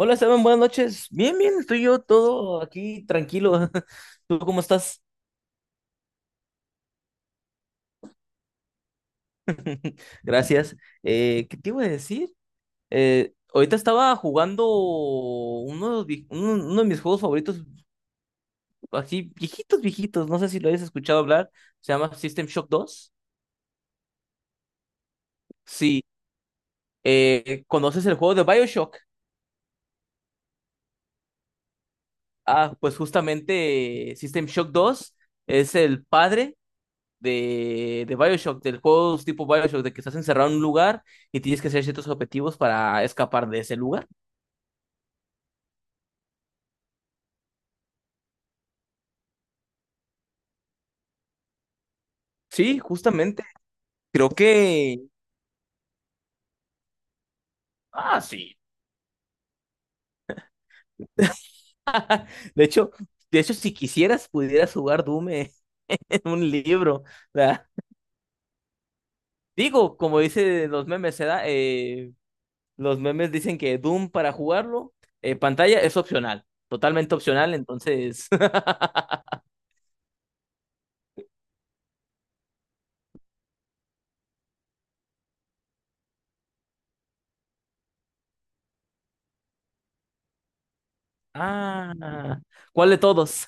Hola, Esteban, buenas noches. Bien, bien, estoy yo todo aquí tranquilo. ¿Tú cómo estás? Gracias. ¿Qué te iba a decir? Ahorita estaba jugando uno de mis juegos favoritos, así viejitos, viejitos. No sé si lo hayas escuchado hablar. Se llama System Shock 2. Sí. ¿Conoces el juego de BioShock? Ah, pues justamente System Shock 2 es el padre de Bioshock, del juego tipo Bioshock, de que estás encerrado en un lugar y tienes que hacer ciertos objetivos para escapar de ese lugar. Sí, justamente. Creo que. Ah, sí. De hecho, de hecho, si quisieras, pudieras jugar Doom en en un libro. ¿Verdad? Digo, como dice los memes, los memes dicen que Doom para jugarlo, pantalla es opcional, totalmente opcional, entonces. Ah, ¿cuál de todos?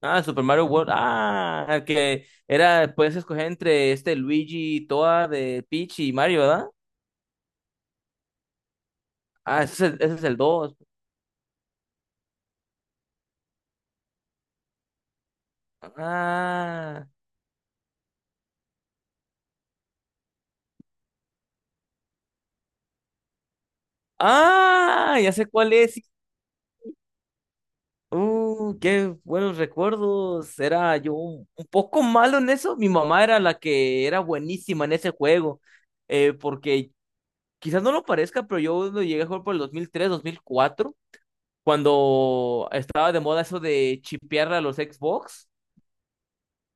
Ah, Super Mario World. Ah, el que era, puedes escoger entre este Luigi, Toa de Peach y Mario, ¿verdad? Ah, ese es el 2. Ah, ah, ya sé cuál es. Sí. Qué buenos recuerdos. Era yo un poco malo en eso. Mi mamá era la que era buenísima en ese juego. Porque quizás no lo parezca, pero yo lo llegué a jugar por el dos mil tres, 2004, cuando estaba de moda eso de chipear a los Xbox.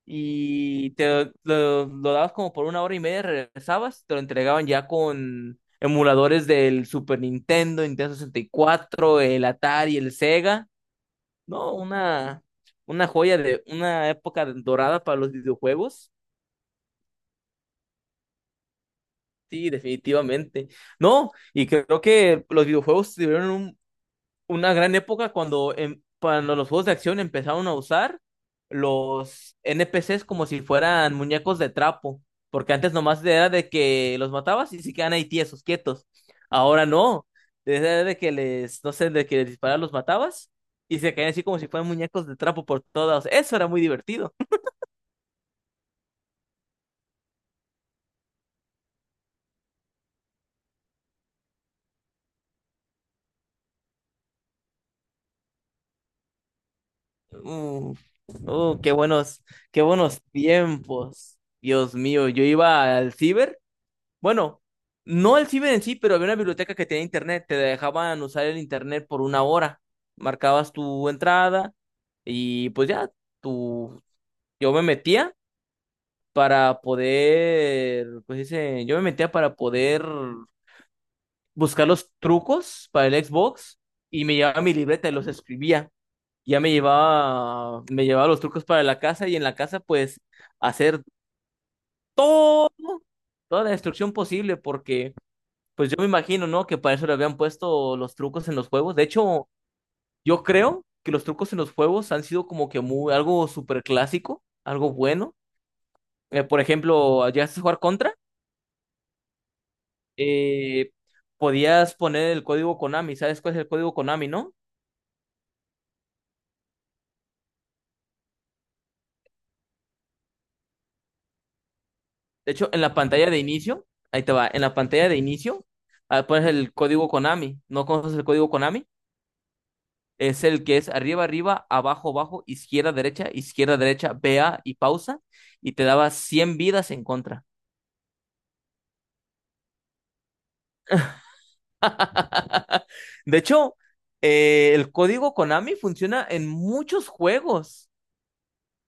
Y te lo dabas como por una hora y media, regresabas, te lo entregaban ya con emuladores del Super Nintendo, Nintendo 64, el Atari, el Sega. No, una joya de una época dorada para los videojuegos. Sí, definitivamente. No, y creo que los videojuegos tuvieron una gran época cuando los juegos de acción empezaron a usar los NPCs como si fueran muñecos de trapo, porque antes nomás era de que los matabas y se quedan ahí tiesos, quietos. Ahora no, desde de que les, no sé, de que les disparas los matabas y se caían así como si fueran muñecos de trapo por todos. Eso era muy divertido. Uh, uh, qué buenos, qué buenos tiempos. Dios mío, yo iba al ciber. Bueno, no el ciber en sí, pero había una biblioteca que tenía internet, te dejaban usar el internet por una hora. Marcabas tu entrada y pues ya, tu... yo me metía yo me metía para poder buscar los trucos para el Xbox y me llevaba mi libreta y los escribía. Ya me llevaba los trucos para la casa y en la casa pues hacer todo, toda la destrucción posible porque... Pues yo me imagino, ¿no? Que para eso le habían puesto los trucos en los juegos. De hecho, yo creo que los trucos en los juegos han sido como que muy, algo súper clásico, algo bueno. Por ejemplo, llegaste a jugar contra, eh, podías poner el código Konami. ¿Sabes cuál es el código Konami, no? De hecho, en la pantalla de inicio, ahí te va, en la pantalla de inicio, pones el código Konami. ¿No conoces el código Konami? Es el que es arriba, arriba, abajo, abajo, izquierda, derecha, vea y pausa, y te daba 100 vidas en contra. De hecho, el código Konami funciona en muchos juegos.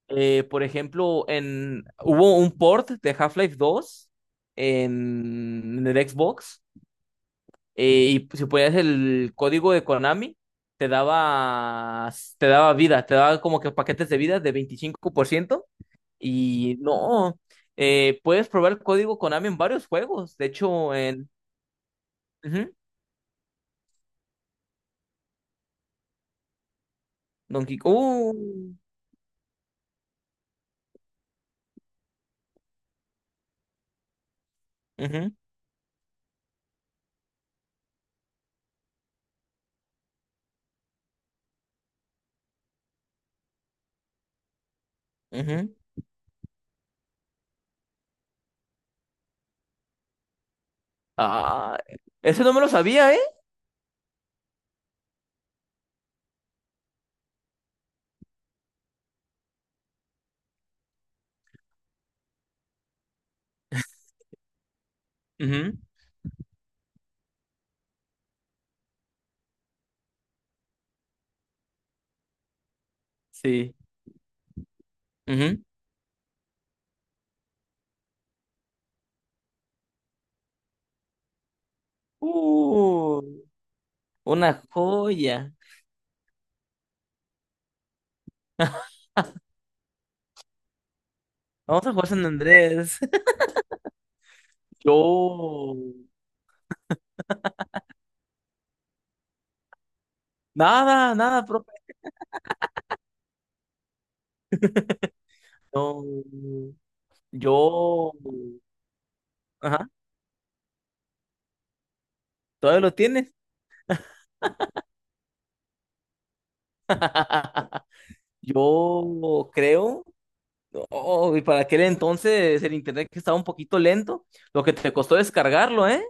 Por ejemplo, hubo un port de Half-Life 2 en el Xbox, y si ponías el código de Konami, te daba vida, te daba como que paquetes de vida de 25%. Y no, puedes probar el código Konami en varios juegos. De hecho, en... Ujú. Donkey Kong. Ujú, ujú. Ah, ese no me lo sabía, ¿eh? Ujú, sí. Ujú. Uh, una joya. Vamos a jugar San Andrés. Yo. Nada, nada, profe. No. Yo. Ajá. ¿Todavía lo tienes? Yo creo. Oh, y para aquel entonces el internet que estaba un poquito lento, lo que te costó descargarlo, ¿eh?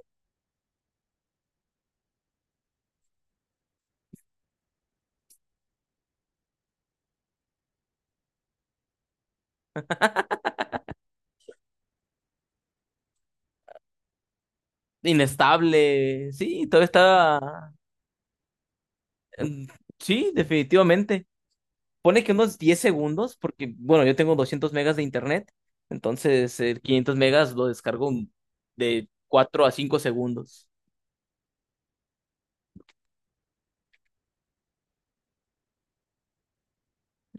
Inestable, sí, todo estaba... mm, Sí, definitivamente. Pone que unos 10 segundos, porque, bueno, yo tengo 200 megas de internet, entonces el 500 megas lo descargo de 4 a 5 segundos.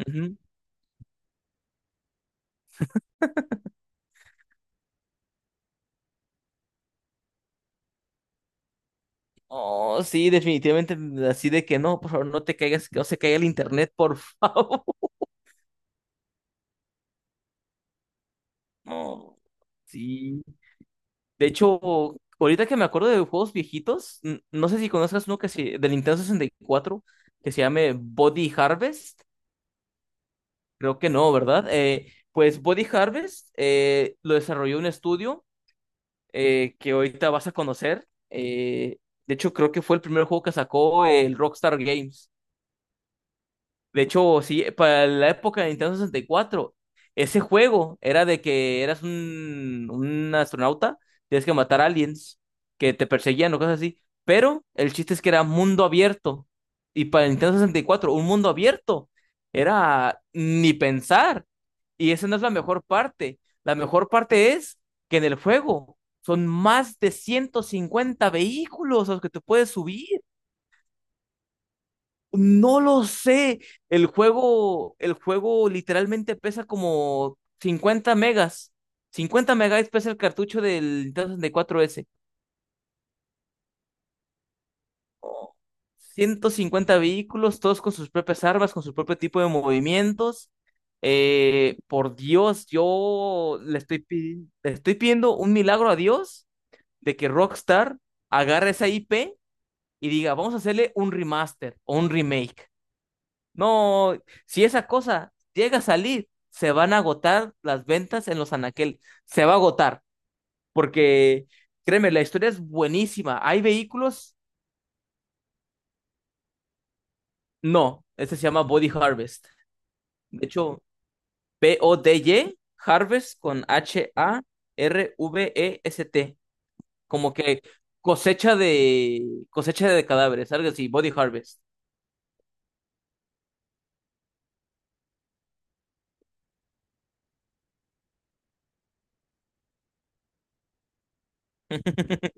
Ujú. Oh, sí, definitivamente, así de que no, por favor, no te caigas, que no se caiga el internet, por favor. No, sí. De hecho, ahorita que me acuerdo de juegos viejitos, no sé si conozcas uno del Nintendo 64 que se llame Body Harvest. Creo que no, ¿verdad? Pues Body Harvest lo desarrolló un estudio que ahorita vas a conocer. De hecho, creo que fue el primer juego que sacó el Rockstar Games. De hecho, sí, para la época de Nintendo 64, ese juego era de que eras un astronauta, tienes que matar aliens que te perseguían o cosas así. Pero el chiste es que era mundo abierto. Y para el Nintendo 64, un mundo abierto era ni pensar. Y esa no es la mejor parte. La mejor parte es que en el juego son más de 150 vehículos a los que te puedes subir. No lo sé. El juego literalmente pesa como 50 megas. 50 megas pesa el cartucho del Nintendo 64S. 50 vehículos, todos con sus propias armas, con su propio tipo de movimientos. Por Dios, yo le estoy, pi- le estoy pidiendo un milagro a Dios de que Rockstar agarre esa IP y diga, vamos a hacerle un remaster o un remake. No, si esa cosa llega a salir, se van a agotar las ventas en los anaqueles. Se va a agotar, porque créeme, la historia es buenísima. ¿Hay vehículos? No, este se llama Body Harvest. De hecho, Body, Harvest con Harvest. Como que cosecha de cosecha de cadáveres, algo así, Body Harvest.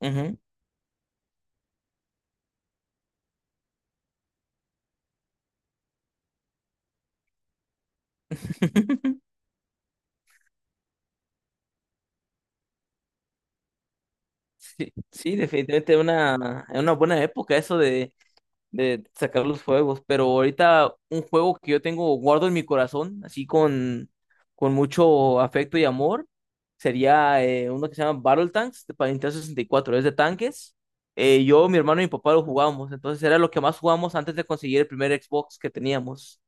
Ujú. Sí, sí, definitivamente una buena época eso de sacar los juegos, pero ahorita un juego que yo tengo guardo en mi corazón, así con mucho afecto y amor, sería uno que se llama Battle Tanks para Nintendo 64 es de tanques. Yo, mi hermano y mi papá lo jugábamos, entonces era lo que más jugábamos antes de conseguir el primer Xbox que teníamos.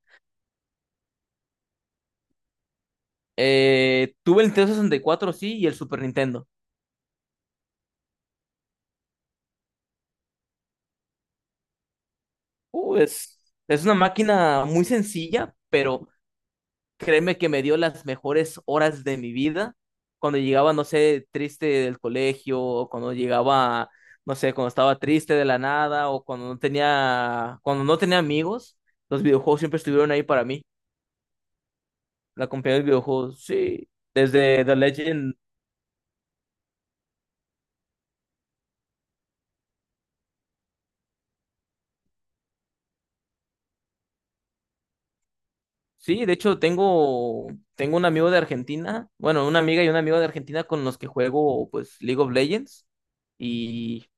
Tuve el Nintendo 64 sí, y el Super Nintendo. Uh, es, es una máquina muy sencilla, pero créeme que me dio las mejores horas de mi vida cuando llegaba, no sé, triste del colegio, o cuando llegaba, no sé, cuando estaba triste de la nada, o cuando no tenía amigos, los videojuegos siempre estuvieron ahí para mí. La compañía de videojuegos, sí. Desde The Legend, sí, de hecho tengo un amigo de Argentina, bueno, una amiga y un amigo de Argentina con los que juego, pues, League of Legends. Y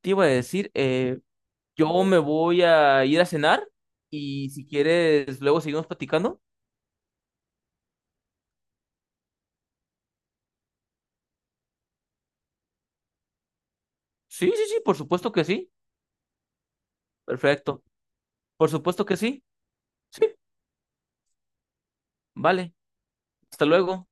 te iba a decir, yo me voy a ir a cenar y si quieres, luego seguimos platicando. Sí, sí, sí, por supuesto que sí. Perfecto. Por supuesto que sí. Sí, vale. Hasta luego.